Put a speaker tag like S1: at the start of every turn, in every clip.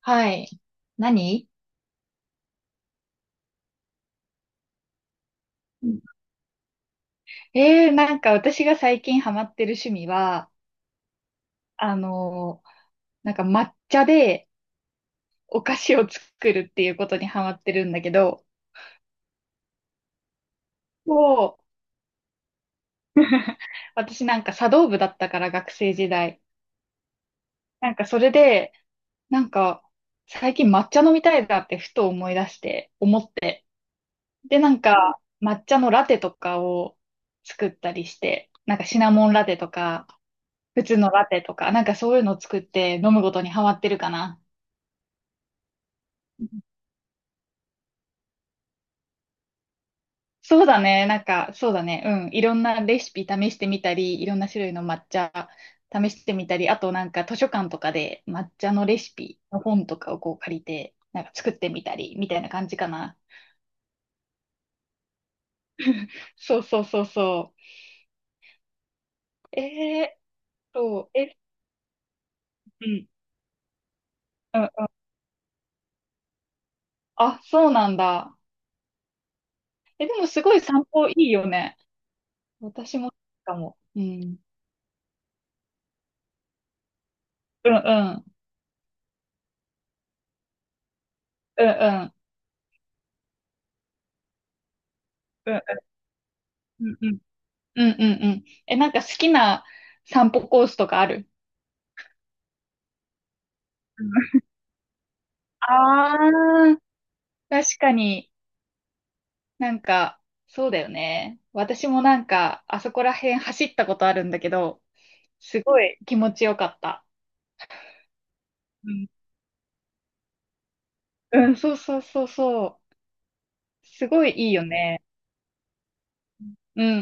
S1: はい。何。うん。なんか私が最近ハマってる趣味は、あのーなんか抹茶でお菓子を作るっていうことにハマってるんだけど、もう、私なんか茶道部だったから学生時代。なんかそれで、なんか最近抹茶飲みたいなってふと思い出して、思って。で、なんか抹茶のラテとかを作ったりして、なんかシナモンラテとか、普通のラテとか、なんかそういうのを作って飲むことにハマってるかな。そうだね。なんか、そうだね。うん。いろんなレシピ試してみたり、いろんな種類の抹茶試してみたり、あとなんか図書館とかで抹茶のレシピの本とかをこう借りて、なんか作ってみたり、みたいな感じかな。そうそうそうそう。そう、え、うん。うん。あ、そうなんだ。え、でもすごい散歩いいよね。私もかも。うん。うんうん。うんうん。うんうん。うんうん。うんうんうん。え、なんか好きな散歩コースとかある？ああ、確かに。なんか、そうだよね。私もなんか、あそこら辺走ったことあるんだけど、すごい気持ちよかった。うん、うん、そうそうそうそう。すごいいいよね。うんうんうん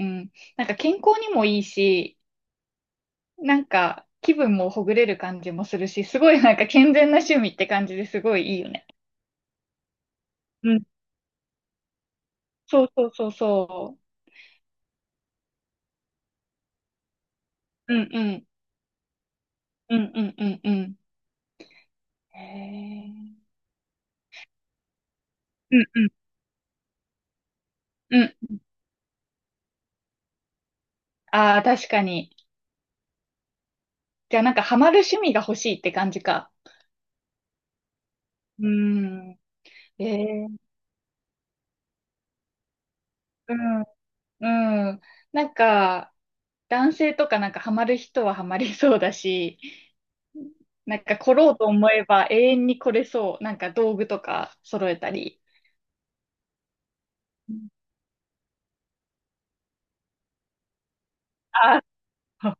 S1: うん。なんか健康にもいいし、なんか気分もほぐれる感じもするし、すごいなんか健全な趣味って感じですごいいいよね。うん。そうそうそうそう。うんうん。うんうんうんうん。へえ。うんうん。うん。ああ、確かに。じゃあなんかハマる趣味が欲しいって感じか。うーん。ええ。うん。うん。なんか、男性とかなんかハマる人はハマりそうだし、なんか来ろうと思えば永遠に来れそう。なんか道具とか揃えたり。うん。あー、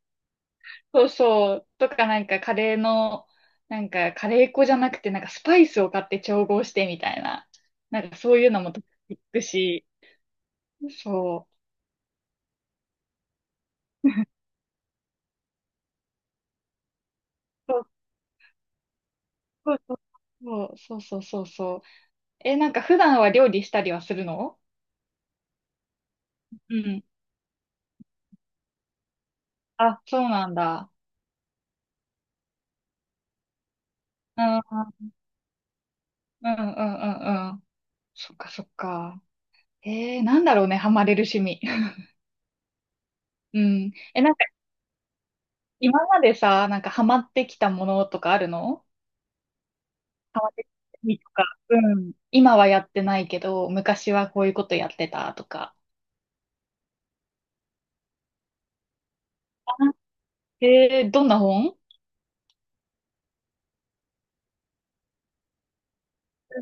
S1: そうそう。とかなんかカレーの、なんかカレー粉じゃなくてなんかスパイスを買って調合してみたいな。なんかそういうのも得意し、そう。そうそうそうそうそうそう。え、なんか普段は料理したりはするの？うん。あ、そうなんだ。うん、うん、うん、うんうん。そっかそっか。なんだろうね、ハマれる趣味。うん。え、なんか今までさ、なんかハマってきたものとかあるの？ハマってきた趣味とか。うん。今はやってないけど、昔はこういうことやってたとか。あ、どんな本？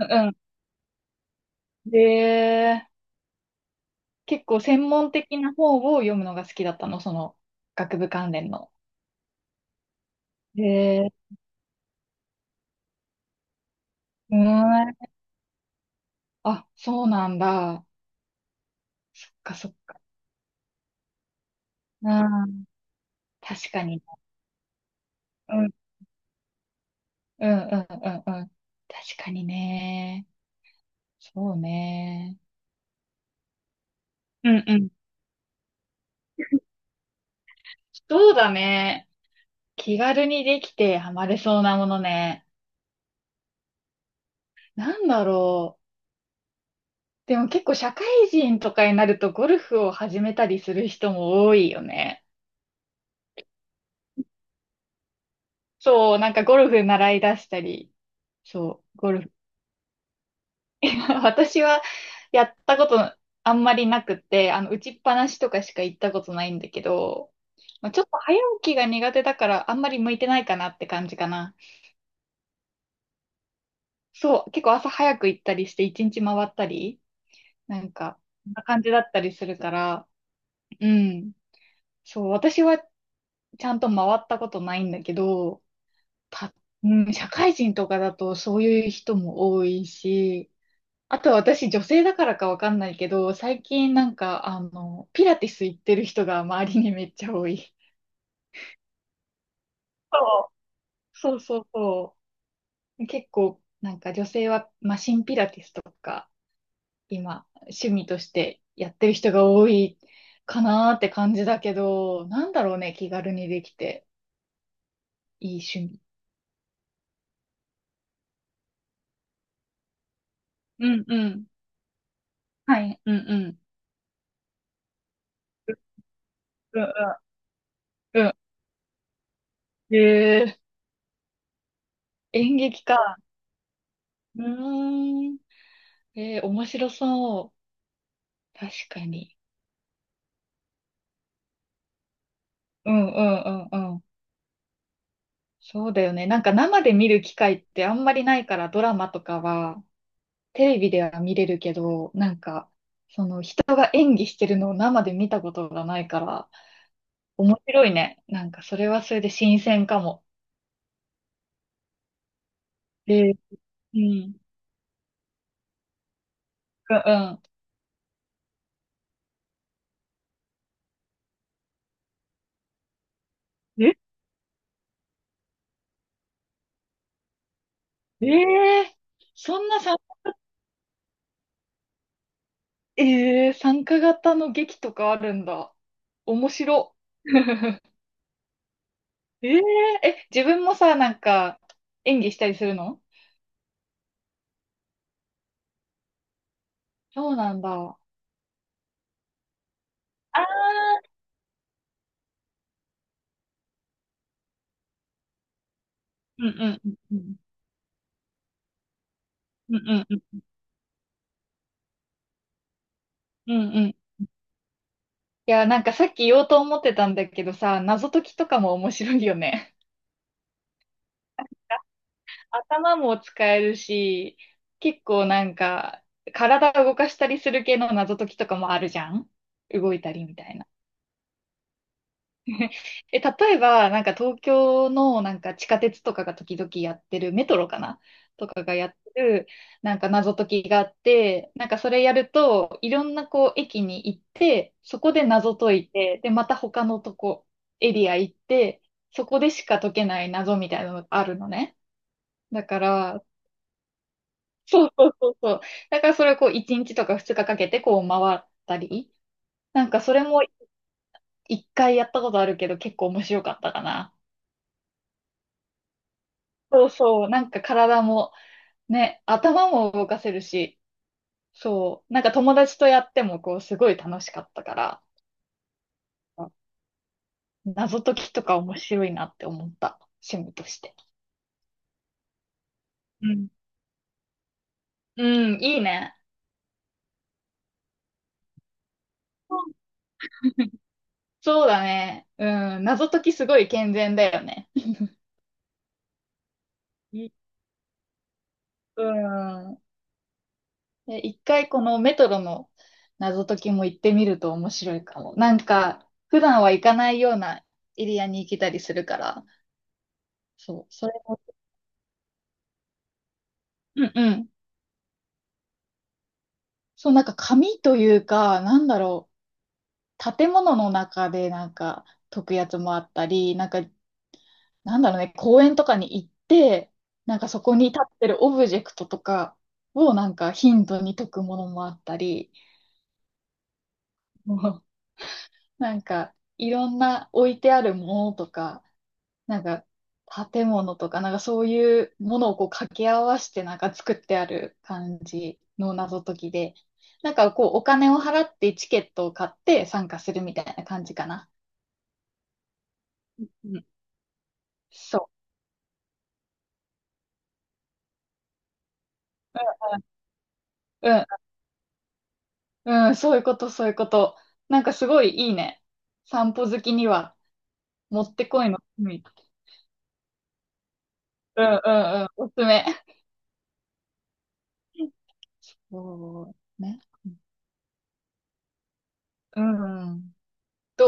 S1: うんうん。結構専門的な方を読むのが好きだったの、その学部関連の。へえ、うーん。あ、そうなんだ。そっかそっか。うん、確かに。うん、うん、うん、うん、うん。確かにね。そうね。うんうん。そうだね。気軽にできてハマれそうなものね。なんだろう。でも結構社会人とかになるとゴルフを始めたりする人も多いよね。そう、なんかゴルフ習い出したり、そう、ゴルフ。私はやったことあんまりなくて、打ちっぱなしとかしか行ったことないんだけど、まあ、ちょっと早起きが苦手だからあんまり向いてないかなって感じかな。そう、結構朝早く行ったりして一日回ったり、なんか、そんな感じだったりするから、うん。そう、私はちゃんと回ったことないんだけど、た、うん、社会人とかだとそういう人も多いし、あとは私、女性だからかわかんないけど、最近なんか、ピラティス行ってる人が周りにめっちゃ多い。そうそうそうそう。結構、なんか女性はマシンピラティスとか、今、趣味としてやってる人が多いかなーって感じだけど、なんだろうね、気軽にできて、いい趣味。うんうん。はい、うんうん。うんうん。うん。演劇か。うーん。面白そう。確かに。うんうんうんうん。そうだよね。なんか生で見る機会ってあんまりないからドラマとかはテレビでは見れるけど、なんかその人が演技してるのを生で見たことがないから面白いね。なんかそれはそれで新鮮かも。えー、うん。うんうん。え、えーそんなさ、参加型の劇とかあるんだ。面白。えー、え、自分もさ、なんか演技したりするの？そうなんだ。ああ、うんうんうんうん。うんうんうん。うんうん。いや、なんかさっき言おうと思ってたんだけどさ、謎解きとかも面白いよね。頭も使えるし、結構なんか、体を動かしたりする系の謎解きとかもあるじゃん。動いたりみたいな。え、例えば、なんか東京のなんか地下鉄とかが時々やってる、メトロかな、とかがやってる、なんか謎解きがあって、なんかそれやると、いろんなこう駅に行って、そこで謎解いて、で、また他のとこ、エリア行って、そこでしか解けない謎みたいなのがあるのね。だから、そうそうそうそう。だからそれをこう1日とか2日かかけてこう回ったり、なんかそれも1回やったことあるけど結構面白かったかな。そうそう、なんか体もね、頭も動かせるし、そう、なんか友達とやってもこうすごい楽しかったから、謎解きとか面白いなって思った、趣味として。うん。うん、いいね。うん。そうだね。うん、謎解きすごい健全だよね。いうん。で一回このメトロの謎解きも行ってみると面白いかも。なんか、普段は行かないようなエリアに行けたりするから、そう、それも、うんうん。そう、なんか紙というか、なんだろう、建物の中でなんか解くやつもあったり、なんか、なんだろうね、公園とかに行って、なんかそこに立ってるオブジェクトとかをなんか頻度に解くものもあったり、もうなんかいろんな置いてあるものとか、なんか、建物とか、なんかそういうものをこう掛け合わせてなんか作ってある感じの謎解きで、なんかこうお金を払ってチケットを買って参加するみたいな感じかな。うん。そう。うん。うん、そういうこと、そういうこと。なんかすごいいいね。散歩好きにはもってこいの罪。うんうんうん。おすすめ。そうね。うん。どう